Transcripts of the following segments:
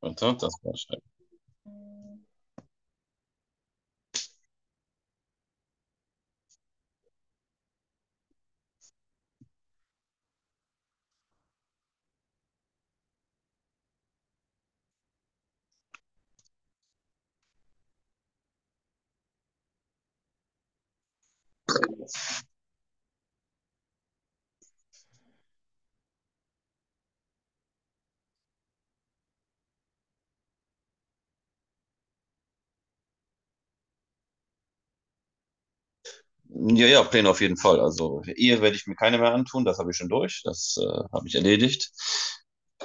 Und so, das war schön. Ja, ja, Pläne auf jeden Fall. Also Ehe werde ich mir keine mehr antun, das habe ich schon durch, das habe ich erledigt.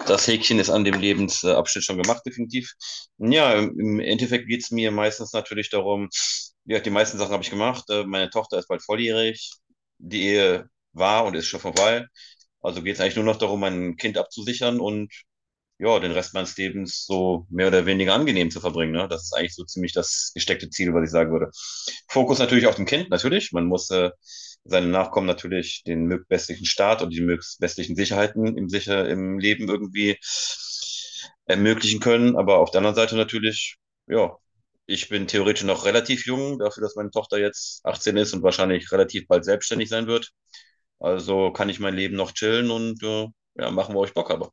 Das Häkchen ist an dem Lebensabschnitt schon gemacht, definitiv. Ja, im Endeffekt geht es mir meistens natürlich darum, ja, die meisten Sachen habe ich gemacht. Meine Tochter ist bald volljährig, die Ehe war und ist schon vorbei. Also geht es eigentlich nur noch darum, mein Kind abzusichern und ja, den Rest meines Lebens so mehr oder weniger angenehm zu verbringen. Ne? Das ist eigentlich so ziemlich das gesteckte Ziel, was ich sagen würde. Fokus natürlich auf dem Kind, natürlich. Man muss seinen Nachkommen natürlich den bestmöglichen Start und die bestmöglichen Sicherheiten im, sicher, im Leben irgendwie ermöglichen können. Aber auf der anderen Seite natürlich, ja, ich bin theoretisch noch relativ jung, dafür, dass meine Tochter jetzt 18 ist und wahrscheinlich relativ bald selbstständig sein wird. Also kann ich mein Leben noch chillen und ja, machen, wo ich Bock habe.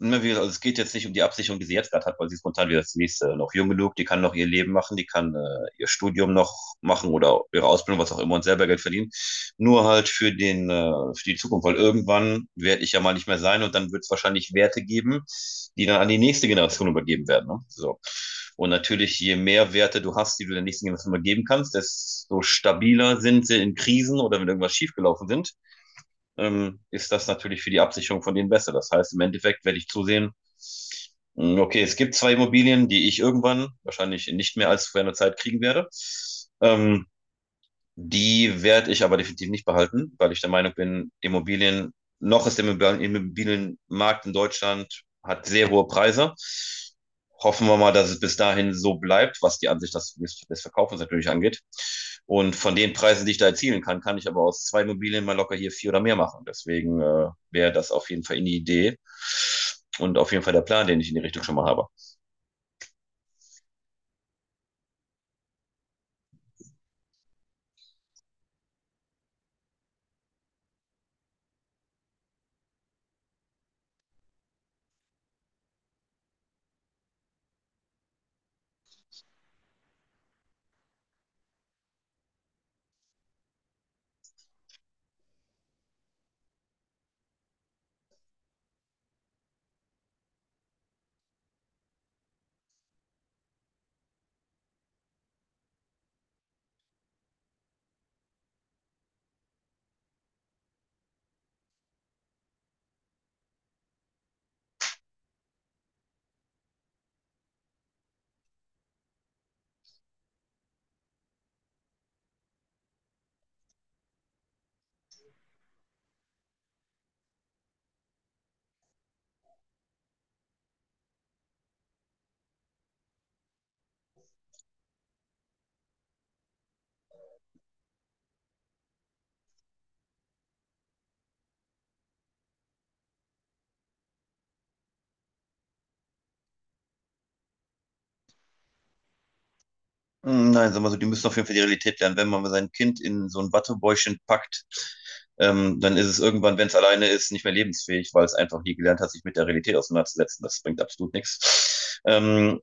Also es geht jetzt nicht um die Absicherung, die sie jetzt gerade hat, weil sie ist momentan wieder das nächste noch jung genug, die kann noch ihr Leben machen, die kann ihr Studium noch machen oder ihre Ausbildung, was auch immer, und selber Geld verdienen. Nur halt für die Zukunft, weil irgendwann werde ich ja mal nicht mehr sein und dann wird es wahrscheinlich Werte geben, die dann an die nächste Generation übergeben werden. Ne? So. Und natürlich, je mehr Werte du hast, die du der nächsten Generation übergeben kannst, desto stabiler sind sie in Krisen oder wenn irgendwas schiefgelaufen sind, ist das natürlich für die Absicherung von denen besser. Das heißt, im Endeffekt werde ich zusehen, okay, es gibt zwei Immobilien, die ich irgendwann wahrscheinlich nicht mehr als vor einer Zeit kriegen werde. Ähm, Die werde ich aber definitiv nicht behalten, weil ich der Meinung bin, Immobilien, noch ist der Immobilienmarkt in Deutschland, hat sehr hohe Preise. Hoffen wir mal, dass es bis dahin so bleibt, was die Ansicht des, des Verkaufens natürlich angeht. Und von den Preisen, die ich da erzielen kann, kann ich aber aus zwei Immobilien mal locker hier vier oder mehr machen. Deswegen wäre das auf jeden Fall eine Idee und auf jeden Fall der Plan, den ich in die Richtung schon mal habe. Nein, sagen wir so, die müssen auf jeden Fall die Realität lernen. Wenn man sein Kind in so ein Wattebäuschen packt, dann ist es irgendwann, wenn es alleine ist, nicht mehr lebensfähig, weil es einfach nie gelernt hat, sich mit der Realität auseinanderzusetzen. Das bringt absolut nichts. Ähm,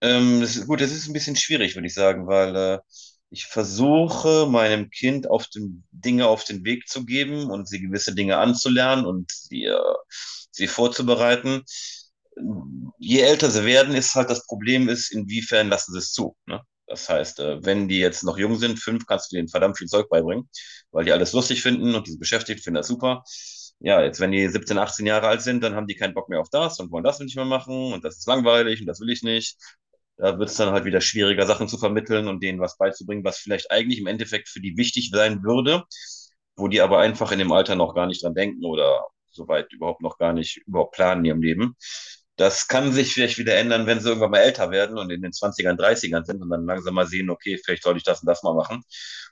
ähm, Das ist, gut, das ist ein bisschen schwierig, würde ich sagen, weil ich versuche, meinem Kind auf den, Dinge auf den Weg zu geben und sie gewisse Dinge anzulernen und sie vorzubereiten. Je älter sie werden, ist halt das Problem ist, inwiefern lassen sie es zu, ne? Das heißt, wenn die jetzt noch jung sind, 5, kannst du denen verdammt viel Zeug beibringen, weil die alles lustig finden und die sind beschäftigt, finden das super. Ja, jetzt wenn die 17, 18 Jahre alt sind, dann haben die keinen Bock mehr auf das und wollen das nicht mehr machen und das ist langweilig und das will ich nicht. Da wird es dann halt wieder schwieriger, Sachen zu vermitteln und denen was beizubringen, was vielleicht eigentlich im Endeffekt für die wichtig sein würde, wo die aber einfach in dem Alter noch gar nicht dran denken oder soweit überhaupt noch gar nicht überhaupt planen in ihrem Leben. Das kann sich vielleicht wieder ändern, wenn sie irgendwann mal älter werden und in den Zwanzigern Dreißigern sind und dann langsam mal sehen, okay, vielleicht soll ich das und das mal machen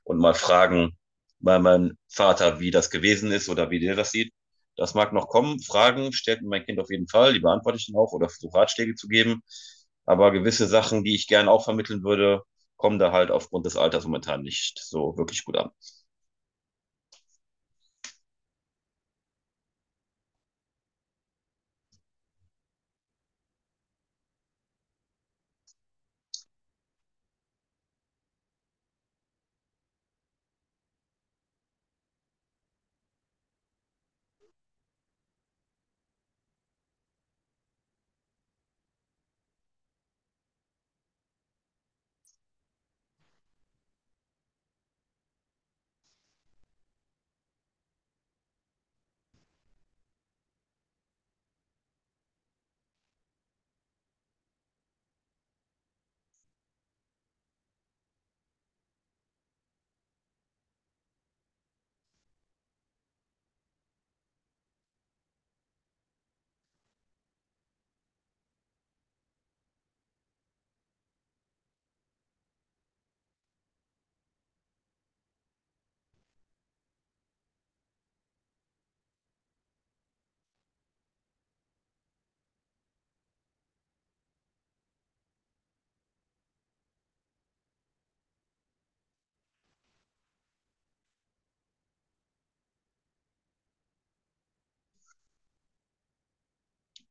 und mal fragen bei meinem Vater, wie das gewesen ist oder wie der das sieht. Das mag noch kommen. Fragen stellt mir mein Kind auf jeden Fall, die beantworte ich dann auch oder versuche Ratschläge zu geben. Aber gewisse Sachen, die ich gerne auch vermitteln würde, kommen da halt aufgrund des Alters momentan nicht so wirklich gut an.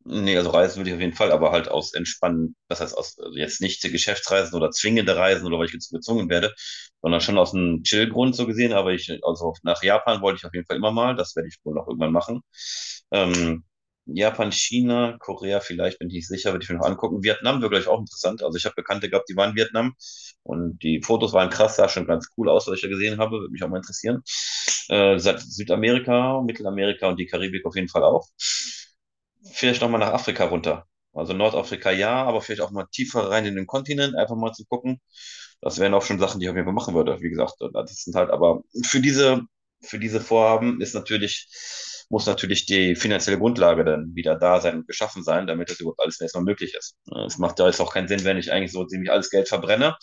Nee, also reisen würde ich auf jeden Fall, aber halt aus entspannen, das heißt aus also jetzt nicht Geschäftsreisen oder zwingende Reisen oder weil ich jetzt so gezwungen werde, sondern schon aus einem Chill-Grund so gesehen. Aber ich, also nach Japan wollte ich auf jeden Fall immer mal, das werde ich wohl noch irgendwann machen. Ähm, Japan, China, Korea vielleicht, bin ich nicht sicher, würde ich mir noch angucken. Vietnam wäre gleich auch interessant. Also ich habe Bekannte gehabt, die waren in Vietnam und die Fotos waren krass, sah schon ganz cool aus, was ich da gesehen habe, würde mich auch mal interessieren. Südamerika, Mittelamerika und die Karibik auf jeden Fall auch. Vielleicht nochmal nach Afrika runter. Also Nordafrika ja, aber vielleicht auch mal tiefer rein in den Kontinent, einfach mal zu gucken. Das wären auch schon Sachen, die ich auf jeden Fall machen würde. Wie gesagt, das sind halt aber für diese Vorhaben ist natürlich, muss natürlich die finanzielle Grundlage dann wieder da sein und geschaffen sein, damit das überhaupt alles erstmal möglich ist. Es macht ja jetzt auch keinen Sinn, wenn ich eigentlich so ziemlich alles Geld verbrenne.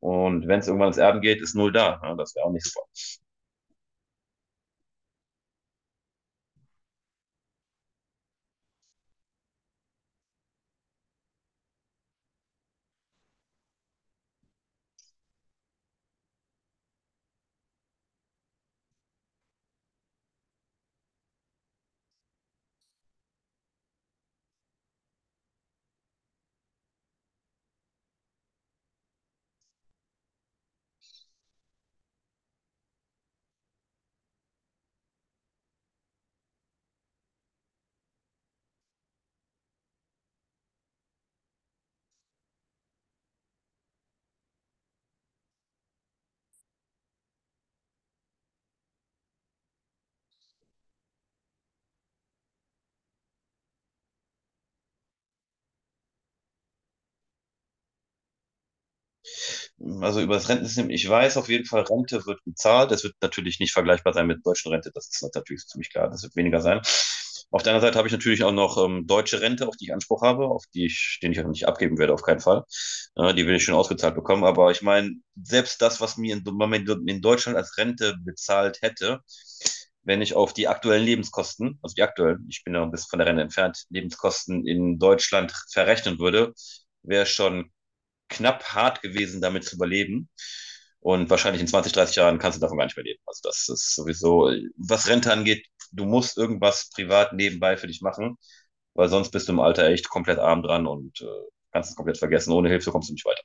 Und wenn es irgendwann ins Erden geht, ist null da. Ja, das wäre auch nicht so. Also über das Rentensystem, ich weiß auf jeden Fall, Rente wird gezahlt. Das wird natürlich nicht vergleichbar sein mit der deutschen Rente. Das ist natürlich ziemlich klar. Das wird weniger sein. Auf der anderen Seite habe ich natürlich auch noch deutsche Rente, auf die ich Anspruch habe, auf die ich, den ich auch nicht abgeben werde, auf keinen Fall. Die will ich schon ausgezahlt bekommen. Aber ich meine, selbst das, was mir in Deutschland als Rente bezahlt hätte, wenn ich auf die aktuellen Lebenskosten, also die aktuellen, ich bin ja ein bisschen von der Rente entfernt, Lebenskosten in Deutschland verrechnen würde, wäre schon knapp hart gewesen, damit zu überleben. Und wahrscheinlich in 20, 30 Jahren kannst du davon gar nicht mehr leben. Also das ist sowieso, was Rente angeht, du musst irgendwas privat nebenbei für dich machen, weil sonst bist du im Alter echt komplett arm dran und kannst es komplett vergessen. Ohne Hilfe kommst du nicht weiter.